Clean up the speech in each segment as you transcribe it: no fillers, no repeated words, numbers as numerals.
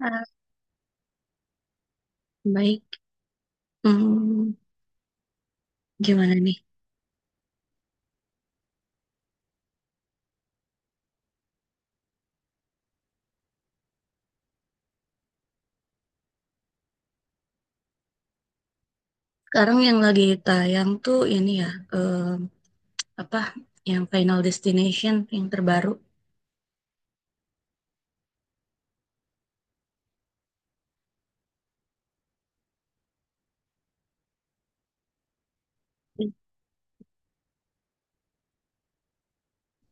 Ah, baik. Hmm, Gimana nih? Sekarang yang lagi tayang tuh ini ya, eh, apa yang Final Destination yang terbaru.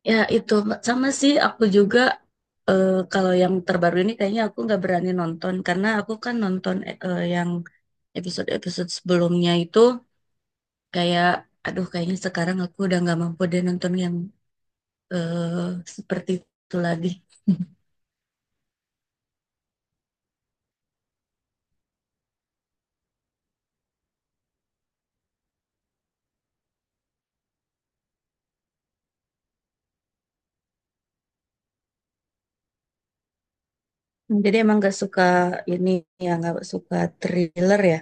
Ya itu, Mbak. Sama sih, aku juga. Kalau yang terbaru ini kayaknya aku nggak berani nonton karena aku kan nonton yang episode-episode sebelumnya itu kayak, aduh, kayaknya sekarang aku udah nggak mampu deh nonton yang seperti itu lagi. Jadi emang nggak suka ini, ya nggak suka thriller ya.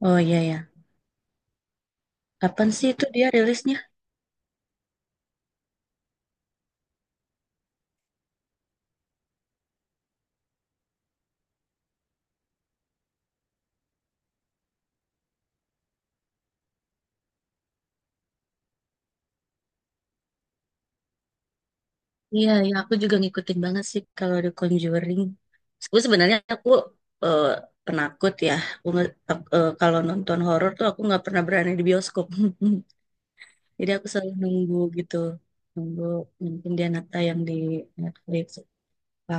Oh iya ya. Kapan sih itu dia rilisnya? Iya, ya aku juga ngikutin banget sih kalau The Conjuring. Gue sebenarnya, aku eh, penakut ya. Aku kalau nonton horor tuh aku nggak pernah berani di bioskop. Jadi aku selalu nunggu gitu. Nunggu mungkin dia nata yang di Netflix apa.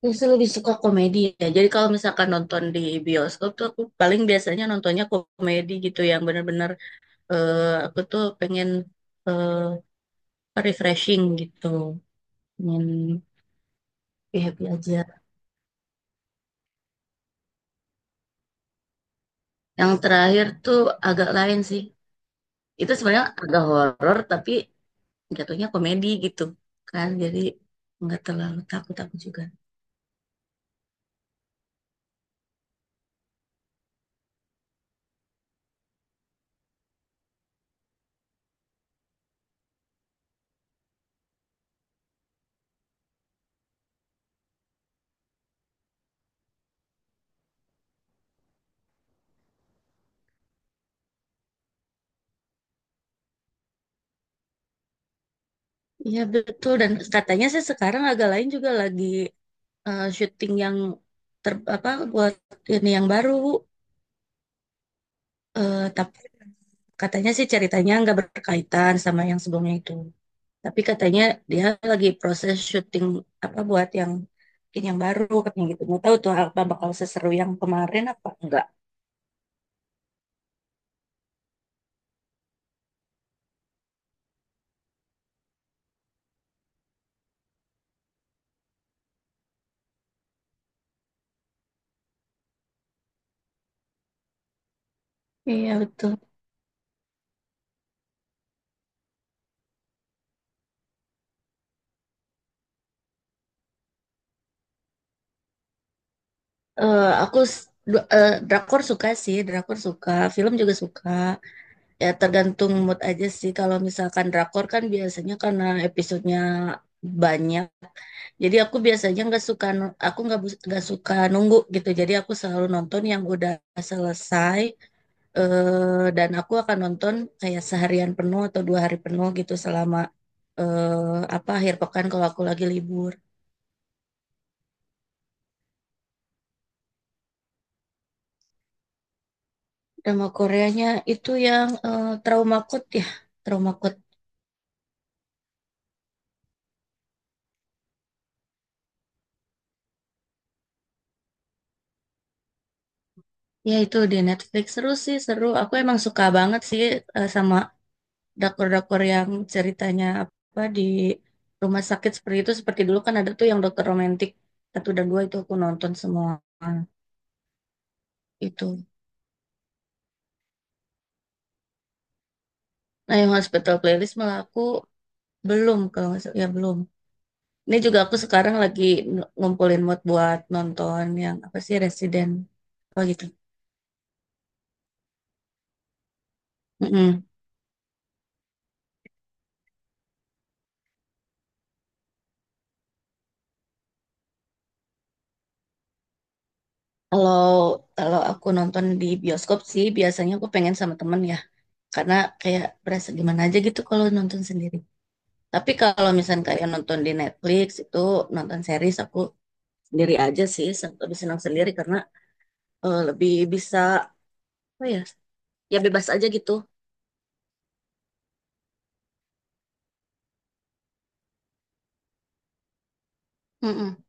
Aku sih lebih suka komedi ya. Jadi kalau misalkan nonton di bioskop tuh aku paling biasanya nontonnya komedi gitu yang bener-bener, eh, aku tuh pengen eh, refreshing gitu. Ingin happy aja. Yang terakhir tuh agak lain sih. Itu sebenarnya agak horor tapi jatuhnya komedi gitu kan. Jadi nggak terlalu takut aku juga. Iya betul, dan katanya sih sekarang agak lain juga lagi syuting yang apa, buat ini yang baru. Tapi katanya sih ceritanya nggak berkaitan sama yang sebelumnya itu. Tapi katanya dia lagi proses syuting apa buat yang bikin yang baru katanya gitu. Nggak tahu tuh apa bakal seseru yang kemarin apa enggak. Iya betul. Eh, aku s- du- eh, Drakor suka sih, drakor suka, film juga suka. Ya tergantung mood aja sih. Kalau misalkan drakor kan biasanya karena episodenya banyak. Jadi aku biasanya nggak suka, aku nggak suka nunggu gitu. Jadi aku selalu nonton yang udah selesai. Dan aku akan nonton kayak seharian penuh atau 2 hari penuh gitu selama apa akhir pekan kalau aku lagi libur. Drama Koreanya itu yang Trauma Code ya, Trauma Code. Ya, itu di Netflix seru sih seru. Aku emang suka banget sih sama drakor-drakor yang ceritanya apa di rumah sakit seperti itu. Seperti dulu kan ada tuh yang Dokter Romantik satu dan dua itu aku nonton semua itu. Nah yang Hospital Playlist malah aku belum, kalau nggak salah- ya belum. Ini juga aku sekarang lagi ngumpulin mood buat nonton yang apa sih Resident apa gitu. Mm-mm. Kalau kalau aku nonton di bioskop sih biasanya aku pengen sama temen ya, karena kayak berasa gimana aja gitu kalau nonton sendiri. Tapi kalau misalnya kayak nonton di Netflix itu nonton series aku sendiri aja sih, lebih senang sendiri karena lebih bisa apa ya, ya bebas aja gitu. Mm-mm.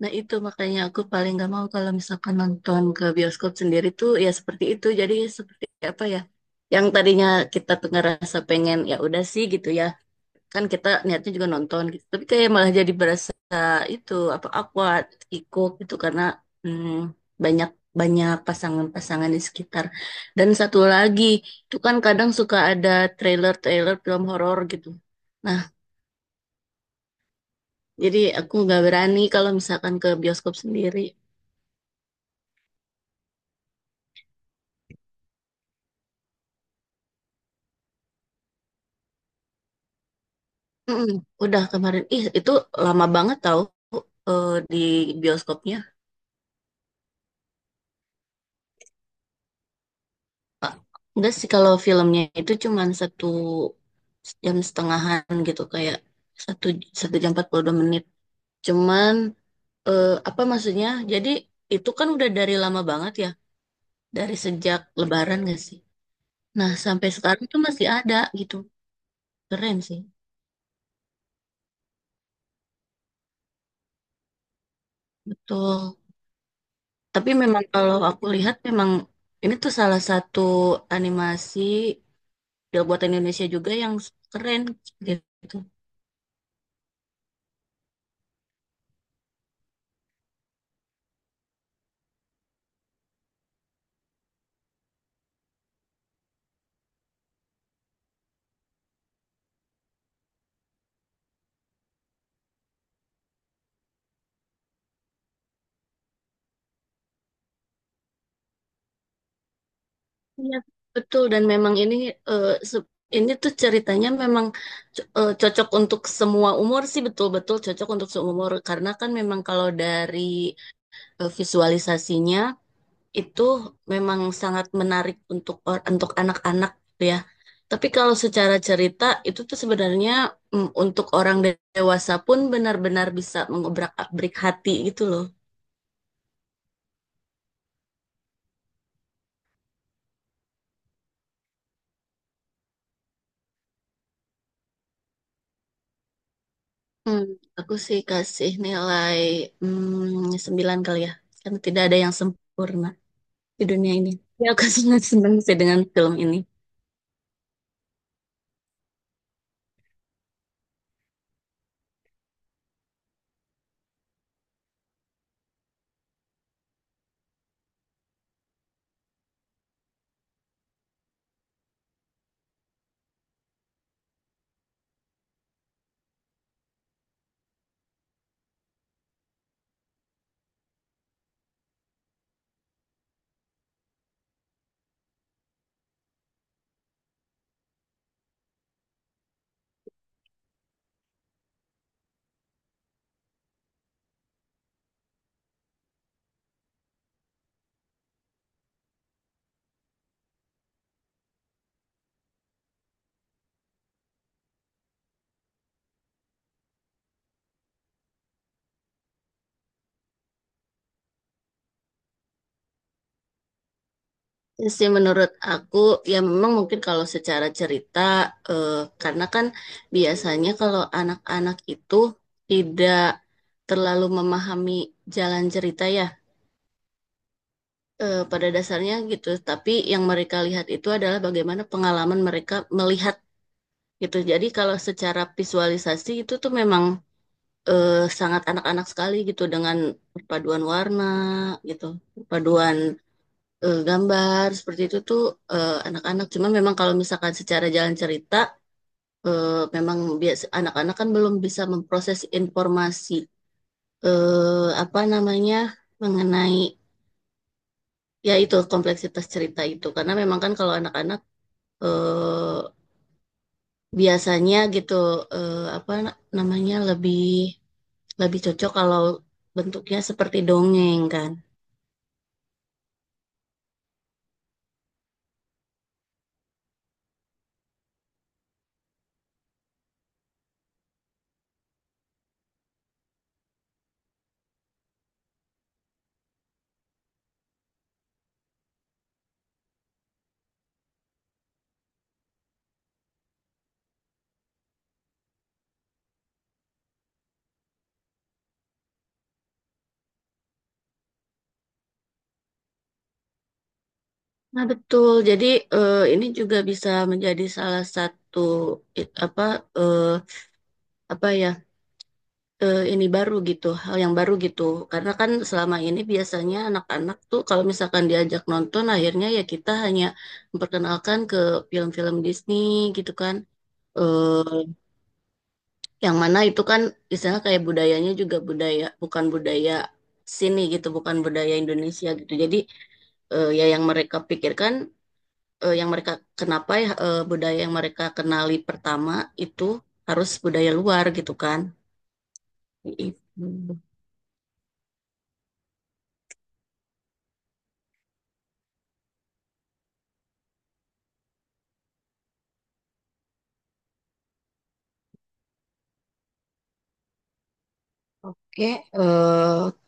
Nah itu makanya aku paling gak mau kalau misalkan nonton ke bioskop sendiri tuh ya seperti itu. Jadi seperti apa ya? Yang tadinya kita tuh ngerasa pengen ya udah sih gitu ya. Kan kita niatnya juga nonton gitu. Tapi kayak malah jadi berasa itu apa awkward, ikut gitu karena hmm, banyak banyak pasangan-pasangan di sekitar. Dan satu lagi, itu kan kadang suka ada trailer-trailer film horor gitu. Nah, jadi aku nggak berani kalau misalkan ke bioskop sendiri. Mm-mm, udah kemarin. Ih, itu lama banget tau di bioskopnya. Pak. Enggak sih kalau filmnya itu cuman satu jam setengahan gitu kayak satu satu jam 42 menit. Cuman apa maksudnya? Jadi itu kan udah dari lama banget ya, dari sejak Lebaran gak sih? Nah sampai sekarang tuh masih ada gitu. Keren sih, betul. Tapi memang kalau aku lihat memang ini tuh salah satu animasi. Model buatan Indonesia juga yang keren gitu. Iya, betul dan memang ini eh, se- ini tuh ceritanya memang cocok untuk semua umur sih, betul-betul cocok untuk semua umur karena kan memang kalau dari visualisasinya itu memang sangat menarik untuk anak-anak gitu ya. Tapi kalau secara cerita itu tuh sebenarnya untuk orang dewasa pun benar-benar bisa mengobrak-abrik hati gitu loh. Hmm, aku sih kasih nilai 9 kali ya. Karena tidak ada yang sempurna di dunia ini. Ya, aku sangat senang sih dengan film ini. Ya sih menurut aku, ya memang mungkin kalau secara cerita, eh, karena kan biasanya kalau anak-anak itu tidak terlalu memahami jalan cerita ya, pada dasarnya gitu. Tapi yang mereka lihat itu adalah bagaimana pengalaman mereka melihat gitu. Jadi kalau secara visualisasi itu tuh memang eh, sangat anak-anak sekali gitu dengan perpaduan warna gitu, perpaduan gambar seperti itu tuh anak-anak. Cuma memang kalau misalkan secara jalan cerita, memang biasa anak-anak kan belum bisa memproses informasi eh, apa namanya mengenai ya itu kompleksitas cerita itu. Karena memang kan kalau anak-anak eh, biasanya gitu apa namanya lebih lebih cocok kalau bentuknya seperti dongeng kan. Nah, betul. Jadi ini juga bisa menjadi salah satu i- apa eh, apa ya ini baru gitu, hal yang baru gitu. Karena kan selama ini biasanya anak-anak tuh kalau misalkan diajak nonton, akhirnya ya kita hanya memperkenalkan ke film-film Disney gitu kan. Eh, yang mana itu kan misalnya kayak budayanya juga budaya, bukan budaya sini gitu, bukan budaya Indonesia gitu. Jadi ya yang mereka pikirkan yang mereka kenapa ya budaya yang mereka kenali pertama itu harus budaya luar gitu kan. Gitu. eh